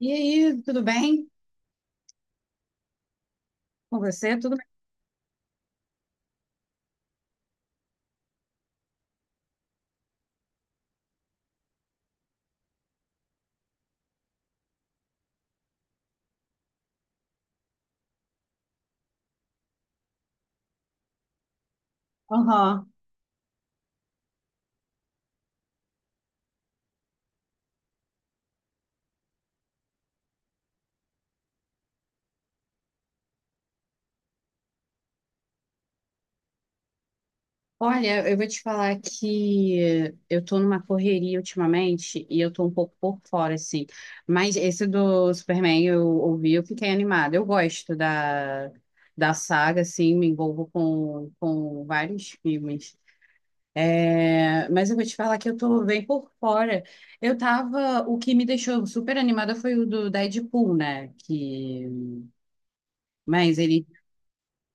E aí, tudo bem com você? Tudo bem? Aham. Olha, eu vou te falar que eu tô numa correria ultimamente e eu tô um pouco por fora, assim. Mas esse do Superman eu ouvi, eu fiquei animada. Eu gosto da saga, assim, me envolvo com vários filmes. Mas eu vou te falar que eu tô bem por fora. Eu tava. O que me deixou super animada foi o do Deadpool, né? Mas ele.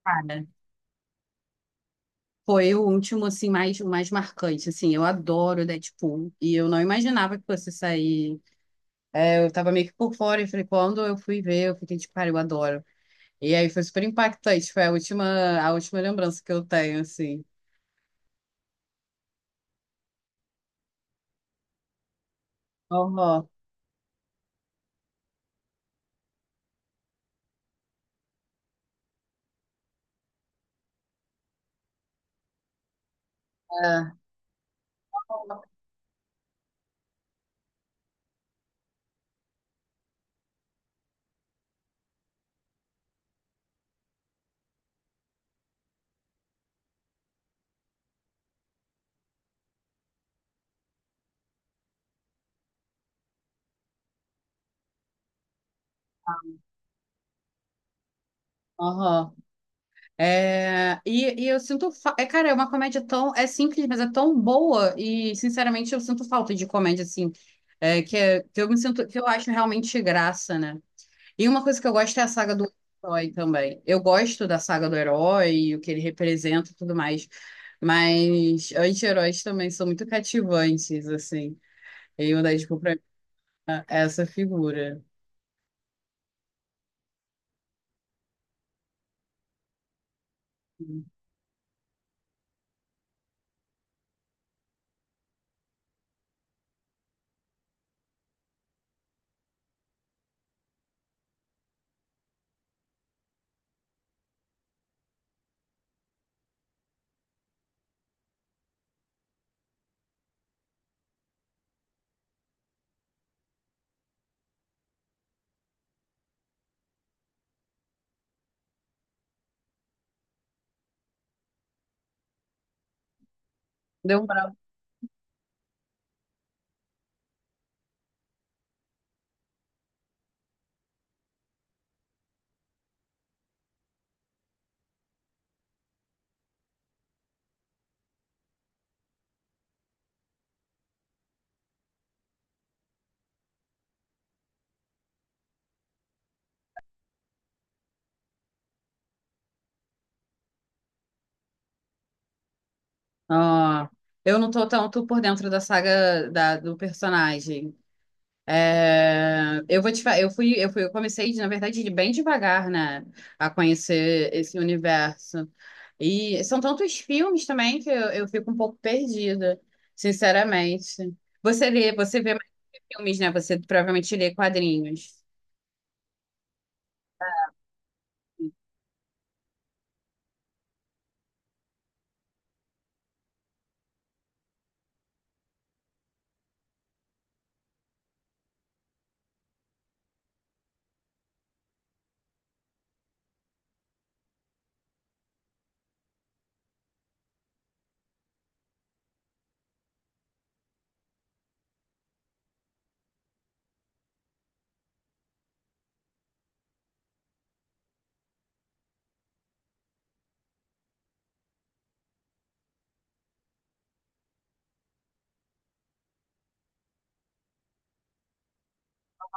Para. Foi o último, assim, mais, o mais marcante, assim, eu adoro Deadpool, e eu não imaginava que fosse sair, eu tava meio que por fora, e falei, quando eu fui ver, eu fiquei tipo, cara, eu adoro, e aí foi super impactante, foi a última lembrança que eu tenho, assim. Aham. é, aham. E eu sinto, cara, é uma comédia tão, é simples, mas é tão boa, e sinceramente eu sinto falta de comédia, assim, que eu me sinto, que eu acho realmente graça, né? E uma coisa que eu gosto é a saga do herói também. Eu gosto da saga do herói, e o que ele representa e tudo mais. Mas anti-heróis também são muito cativantes, assim. E o Deadpool pra mim é essa figura. Deu um brau. Ah, eu não tô tanto por dentro da do personagem. É, eu vou te falar, eu fui, eu comecei, na verdade, de bem devagar, né, a conhecer esse universo. E são tantos filmes também eu fico um pouco perdida, sinceramente. Você lê, você vê mais filmes, né? Você provavelmente lê quadrinhos.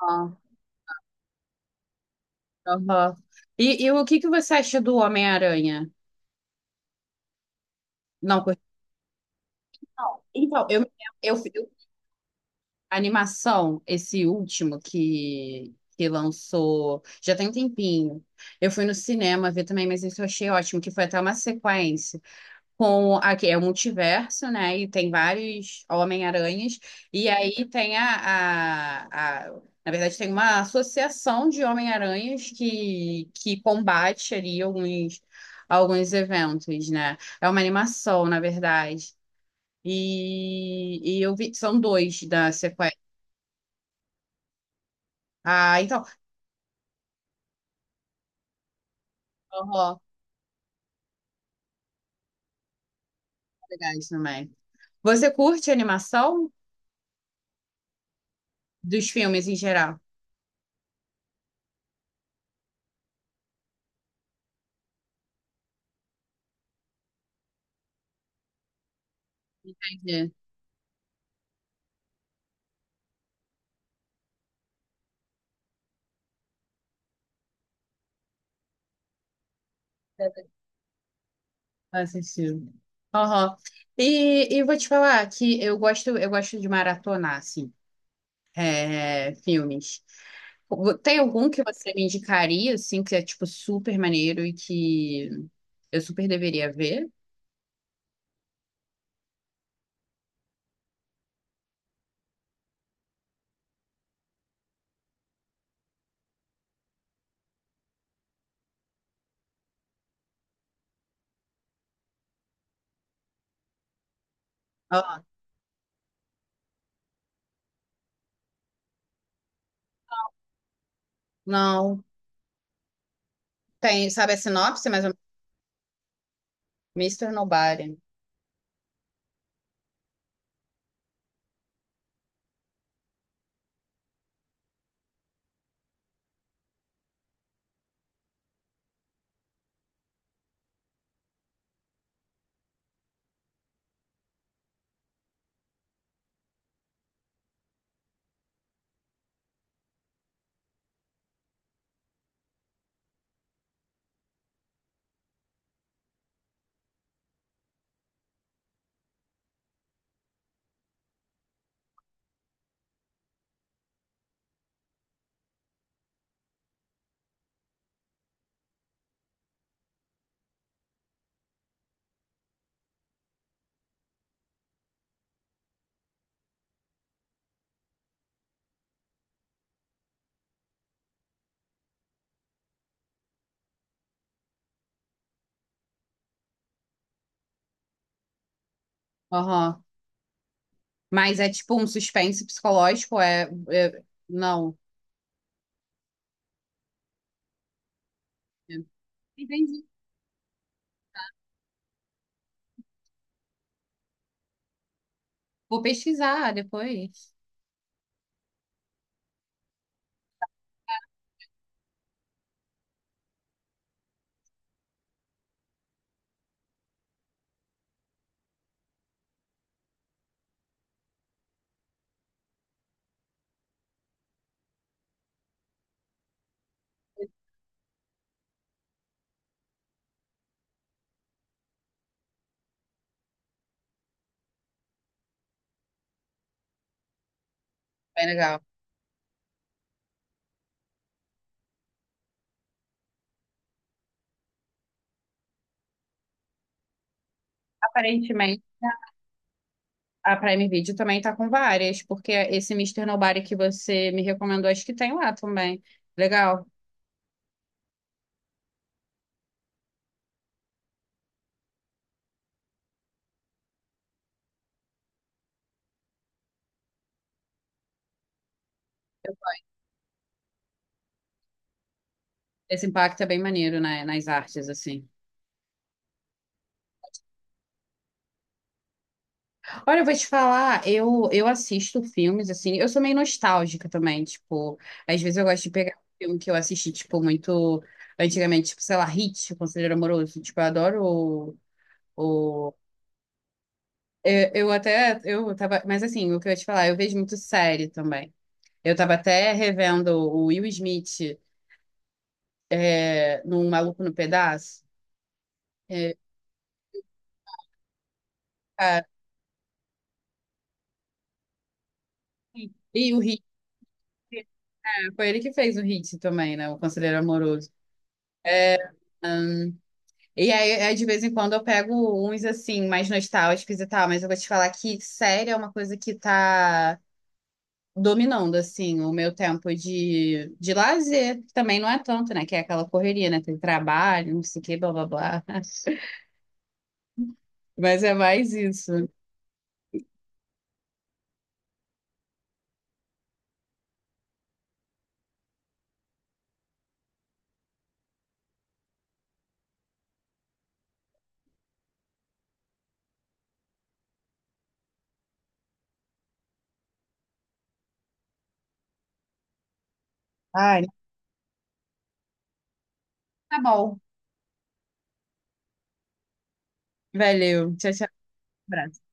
Ah, aham. E o que que você acha do Homem-Aranha? Não, cur- então, eu, A animação, esse último que lançou, já tem um tempinho. Eu fui no cinema ver também, mas isso eu achei ótimo, que foi até uma sequência com aqui é o multiverso, né? E tem vários Homem-Aranhas, e aí tem a- na verdade, tem uma associação de Homem-Aranhas que combate ali alguns eventos, né? É uma animação, na verdade. E eu vi, são dois da sequência. Ah, então, horror, legais também. Você curte animação dos filmes em geral? Entendi. Assistiu. Horror. E vou te falar que eu gosto de maratonar, assim, filmes. Tem algum que você me indicaria, assim, que é, tipo, super maneiro e que eu super deveria ver? Ó, não. Tem, sabe a sinopse, mas é Mr. Nobody. Aham. Mas é tipo um suspense psicológico, é- não. Entendi. Vou pesquisar depois. Bem legal. Aparentemente, a Prime Video também está com várias, porque esse Mister Nobody que você me recomendou, acho que tem lá também. Legal. Esse impacto é bem maneiro, né, nas artes, assim. Olha, eu vou te falar, eu assisto filmes, assim, eu sou meio nostálgica também, tipo, às vezes eu gosto de pegar um filme que eu assisti, tipo, muito antigamente, tipo, sei lá, Hit, Conselheiro Amoroso, tipo, eu adoro o. Eu até, eu tava, mas assim, o que eu ia te falar, eu vejo muito série também. Eu tava até revendo o Will Smith num Maluco no Pedaço. É, ah, sim. E o Hit, né? Foi ele que fez o Hit também, né? O Conselheiro Amoroso. E aí, é, de vez em quando, eu pego uns, assim, mais nostálgicos e tal, mas eu vou te falar que série é uma coisa que tá dominando, assim, o meu tempo de lazer, que também não é tanto, né? Que é aquela correria, né? Tem trabalho, não sei o quê, blá, blá, blá. Mas é mais isso. Ai, tá bom. Valeu. Tchau, tchau. Um abraço.